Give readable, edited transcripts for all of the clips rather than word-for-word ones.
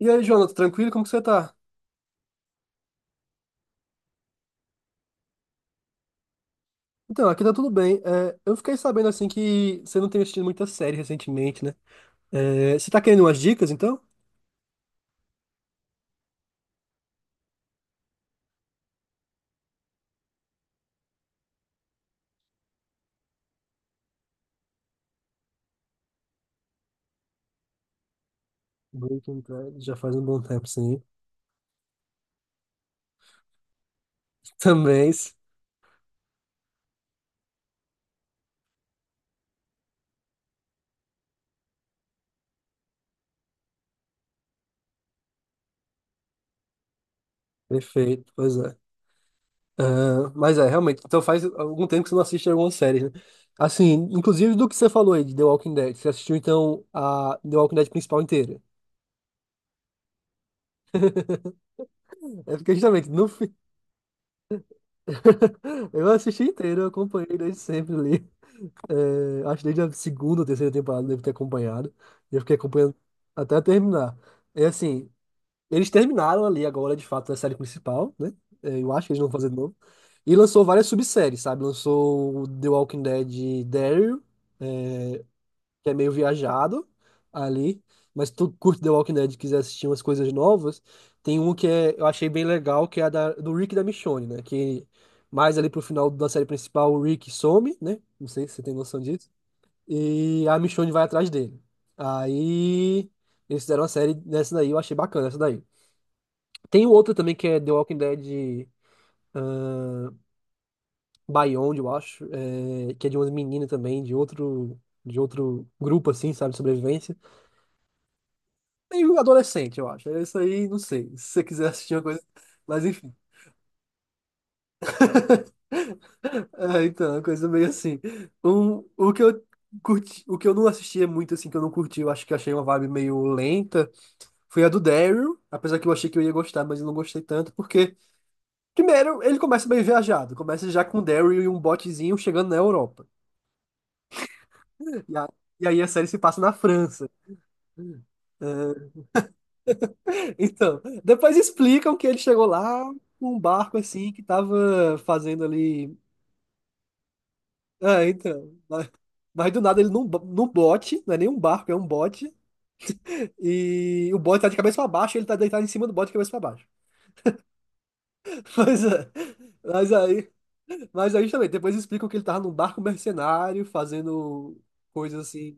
E aí, Jonathan, tranquilo? Como que você tá? Então, aqui tá tudo bem. É, eu fiquei sabendo, assim, que você não tem assistido muita série recentemente, né? É, você tá querendo umas dicas, então? Breaking Bad já faz um bom tempo, sim. Também, perfeito, pois é. Ah, mas é, realmente, então faz algum tempo que você não assiste alguma série, né? Assim, inclusive do que você falou aí de The Walking Dead. Você assistiu, então, a The Walking Dead principal inteira? É porque, justamente, no fim... Eu assisti inteiro, eu acompanhei desde sempre ali. É, acho que desde a segunda ou terceira temporada eu devo ter acompanhado. Eu fiquei acompanhando até terminar. É assim, eles terminaram ali agora, de fato, a série principal, né? É, eu acho que eles não vão fazer de novo. E lançou várias subséries, sabe? Lançou o The Walking Dead Daryl, é, que é meio viajado ali. Mas se tu curte The Walking Dead e quiser assistir umas coisas novas, tem um que é, eu achei bem legal, que é do Rick e da Michonne, né? Que mais ali pro final da série principal, o Rick some, né? Não sei se você tem noção disso. E a Michonne vai atrás dele. Aí eles fizeram uma série nessa daí, eu achei bacana essa daí. Tem outra também que é The Walking Dead ah, Beyond, eu acho, é, que é de umas meninas também, de outro grupo, assim, sabe, de sobrevivência. Meio adolescente, eu acho. É isso aí, não sei. Se você quiser assistir uma coisa. Mas enfim. É, então, é uma coisa meio assim. O que eu curti, o que eu não assistia muito, assim, que eu não curti, eu acho que achei uma vibe meio lenta. Foi a do Daryl, apesar que eu achei que eu ia gostar, mas eu não gostei tanto, porque, primeiro, ele começa bem viajado, começa já com o Daryl e um botezinho chegando na Europa. E, a- e aí a série se passa na França. É, então, depois explicam que ele chegou lá com um barco assim que tava fazendo ali. Ah, então. Mas do nada ele num bote, não é nem um barco, é um bote. E o bote tá de cabeça pra baixo, ele tá deitado em cima do bote de cabeça pra baixo. Mas, é, mas aí Mas aí também, depois explicam que ele tava num barco mercenário, fazendo coisas assim,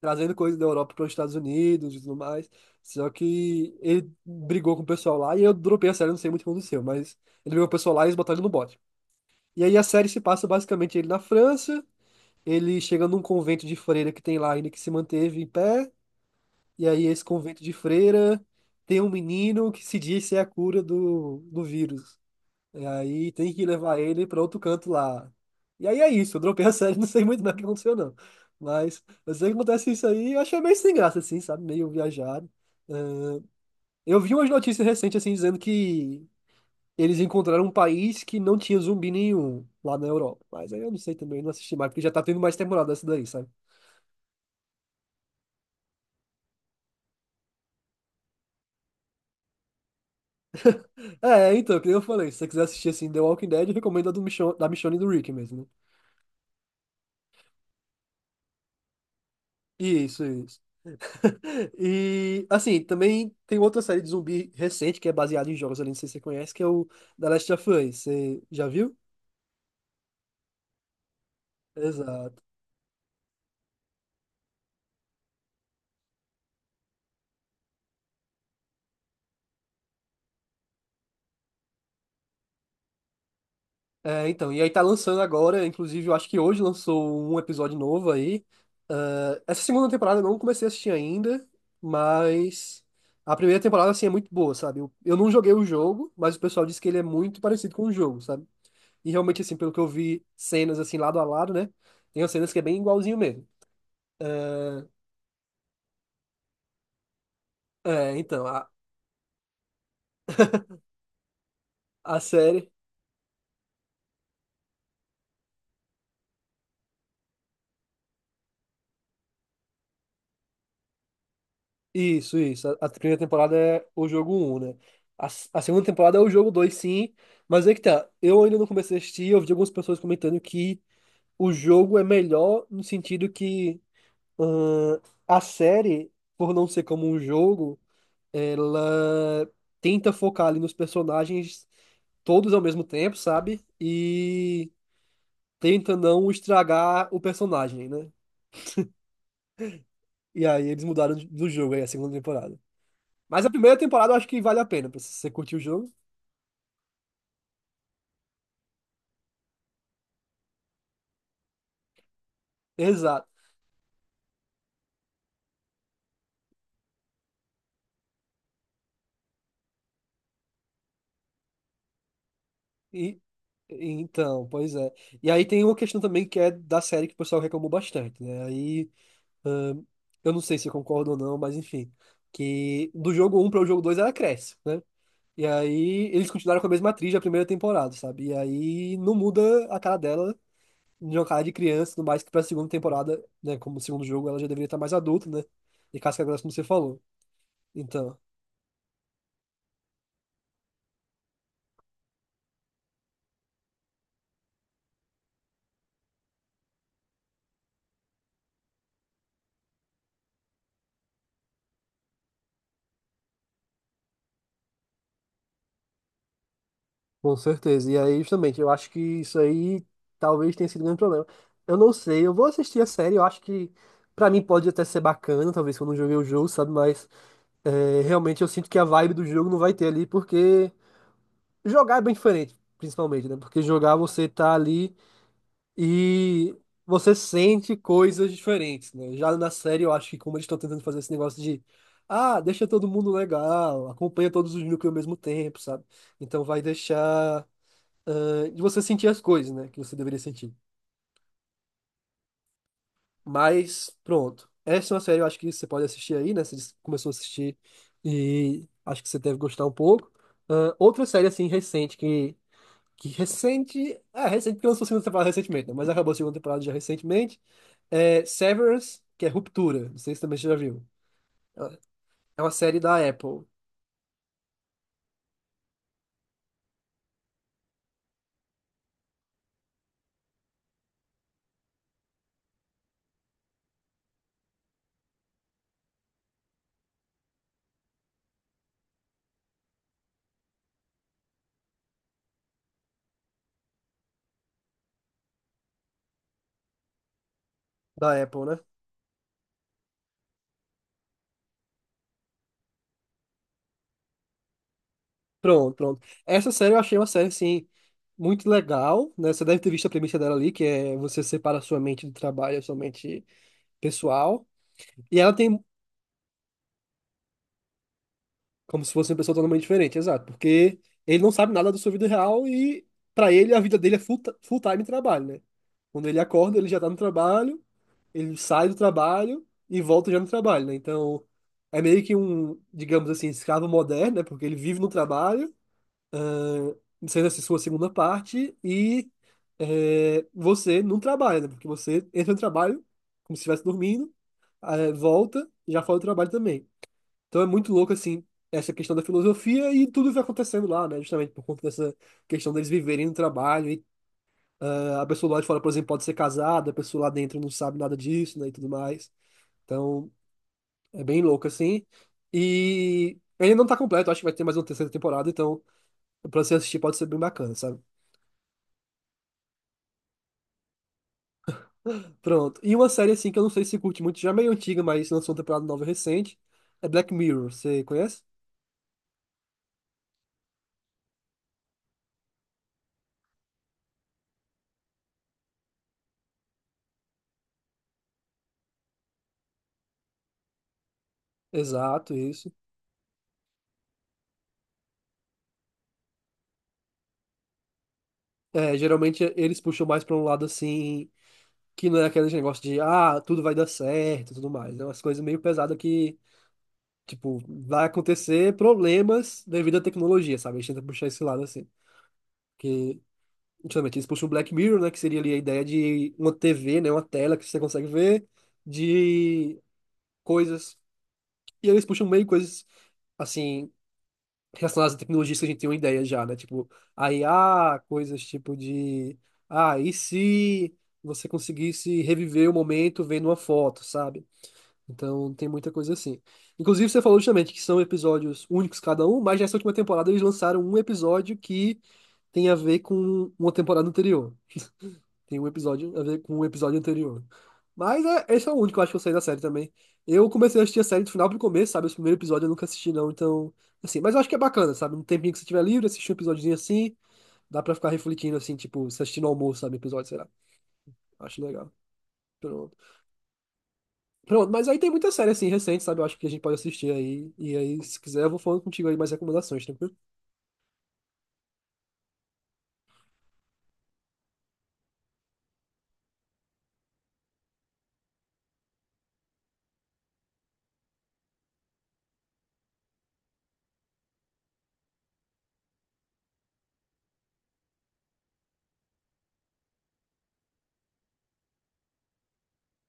trazendo coisas da Europa para os Estados Unidos e tudo mais. Só que ele brigou com o pessoal lá e eu dropei a série, não sei muito o que aconteceu, mas ele brigou com o pessoal lá e eles botaram ele no bote. E aí a série se passa basicamente ele na França, ele chega num convento de freira que tem lá ainda que se manteve em pé, e aí esse convento de freira tem um menino que se diz ser a cura do vírus. E aí tem que levar ele pra outro canto lá. E aí é isso, eu dropei a série, não sei muito bem o que aconteceu, não. Mas eu sei que acontece isso aí, eu achei meio sem graça, assim, sabe? Meio viajado. É, eu vi umas notícias recentes, assim, dizendo que eles encontraram um país que não tinha zumbi nenhum lá na Europa. Mas aí eu não sei também, não assisti mais, porque já tá tendo mais temporada essa daí, sabe? É, então, que nem eu falei, se você quiser assistir, assim, The Walking Dead, eu recomendo da Michonne e do Rick mesmo, né? Isso, isso. E, assim, também tem outra série de zumbi recente que é baseada em jogos ali, não sei se você conhece, que é o The Last of Us. Você já viu? Exato. É, então, e aí tá lançando agora, inclusive eu acho que hoje lançou um episódio novo aí. Ah, essa segunda temporada eu não comecei a assistir ainda, mas a primeira temporada, assim, é muito boa, sabe? Eu não joguei o jogo, mas o pessoal disse que ele é muito parecido com o jogo, sabe? E realmente, assim, pelo que eu vi cenas, assim, lado a lado, né? Tem umas cenas que é bem igualzinho mesmo. É, então, a série. Isso, isso. A primeira temporada é o jogo um, né? A segunda temporada é o jogo dois, sim. Mas é que tá. Eu ainda não comecei a assistir. Eu vi algumas pessoas comentando que o jogo é melhor no sentido que ahn, a série, por não ser como um jogo, ela tenta focar ali nos personagens todos ao mesmo tempo, sabe? E tenta não estragar o personagem, né? E aí eles mudaram do jogo aí, a segunda temporada. Mas a primeira temporada eu acho que vale a pena, pra você curtir o jogo. Exato. E, então, pois é. E aí tem uma questão também que é da série que o pessoal reclamou bastante, né? Aí, ahn, eu não sei se eu concordo ou não, mas enfim. Que do jogo um para o jogo 2 ela cresce, né? E aí eles continuaram com a mesma atriz da primeira temporada, sabe? E aí não muda a cara dela, de uma cara de criança, no mais que pra segunda temporada, né? Como segundo jogo ela já deveria estar mais adulta, né? E casca grossa, como você falou. Então. Com certeza. E aí, justamente, eu acho que isso aí talvez tenha sido o grande problema. Eu não sei, eu vou assistir a série, eu acho que pra mim pode até ser bacana, talvez se eu não joguei o jogo, sabe? Mas é, realmente eu sinto que a vibe do jogo não vai ter ali, porque jogar é bem diferente, principalmente, né? Porque jogar você tá ali e você sente coisas diferentes, né? Já na série eu acho que como eles estão tentando fazer esse negócio de deixa todo mundo legal, acompanha todos os núcleos ao mesmo tempo, sabe? Então vai deixar de você sentir as coisas, né? Que você deveria sentir. Mas, pronto. Essa é uma série, eu acho que você pode assistir aí, né? Você disse que começou a assistir e acho que você deve gostar um pouco. Ah, outra série, assim, recente, que recente. É, recente, porque lançou a segunda temporada recentemente, né? Mas acabou a segunda temporada já recentemente. É Severance, que é Ruptura. Não sei se também você já viu. É é uma série da Apple. Da Apple, né? Pronto, pronto. Essa série eu achei uma série, assim, muito legal, né? Você deve ter visto a premissa dela ali, que é você separa a sua mente do trabalho, a sua mente pessoal. E ela tem como se fosse uma pessoa totalmente diferente, exato, porque ele não sabe nada da sua vida real e para ele a vida dele é full time trabalho, né? Quando ele acorda, ele já tá no trabalho, ele sai do trabalho e volta já no trabalho, né? Então, é meio que um, digamos assim, escravo moderno, né? Porque ele vive no trabalho sendo essa sua segunda parte, e você não trabalha, né? Porque você entra no trabalho como se estivesse dormindo, volta e já faz o trabalho também. Então é muito louco, assim, essa questão da filosofia e tudo vai acontecendo lá, né? Justamente por conta dessa questão deles viverem no trabalho. E, a pessoa lá de fora, por exemplo, pode ser casada, a pessoa lá dentro não sabe nada disso, né? E tudo mais. Então é bem louco, assim. E, ele não tá completo, acho que vai ter mais uma terceira temporada, então pra você assistir pode ser bem bacana, sabe? Pronto. E uma série assim que eu não sei se você curte muito, já é meio antiga, mas lançou uma temporada nova recente. É Black Mirror, você conhece? Exato, isso. É, geralmente eles puxam mais pra um lado assim, que não é aquele negócio de, tudo vai dar certo e tudo mais. É umas coisas meio pesadas que, tipo, vai acontecer problemas devido à tecnologia, sabe? A gente tenta puxar esse lado assim. Que, justamente, eles puxam o Black Mirror, né? Que seria ali a ideia de uma TV, né? Uma tela que você consegue ver de coisas. E eles puxam meio coisas assim relacionadas a tecnologias que a gente tem uma ideia já, né? Tipo, a IA, coisas tipo de, e se você conseguisse reviver o momento vendo uma foto, sabe? Então, tem muita coisa assim. Inclusive, você falou justamente que são episódios únicos cada um, mas nessa última temporada eles lançaram um episódio que tem a ver com uma temporada anterior. Tem um episódio a ver com o episódio anterior. Mas é, esse é o único, eu acho que eu saí da série também. Eu comecei a assistir a série do final pro começo, sabe? Esse primeiro episódio eu nunca assisti, não. Então, assim, mas eu acho que é bacana, sabe? Um tempinho que você tiver livre, assistir um episódiozinho assim, dá pra ficar refletindo, assim, tipo, se assistindo ao almoço, sabe? Episódio, sei lá. Acho legal. Pronto. Pronto, mas aí tem muita série, assim, recente, sabe? Eu acho que a gente pode assistir aí. E aí, se quiser, eu vou falando contigo aí mais recomendações, tá tranquilo?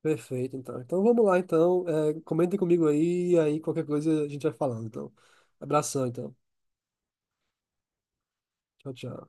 Perfeito, então. Então vamos lá, então. É, comentem comigo aí, e aí qualquer coisa a gente vai falando, então. Abração, então. Tchau, tchau.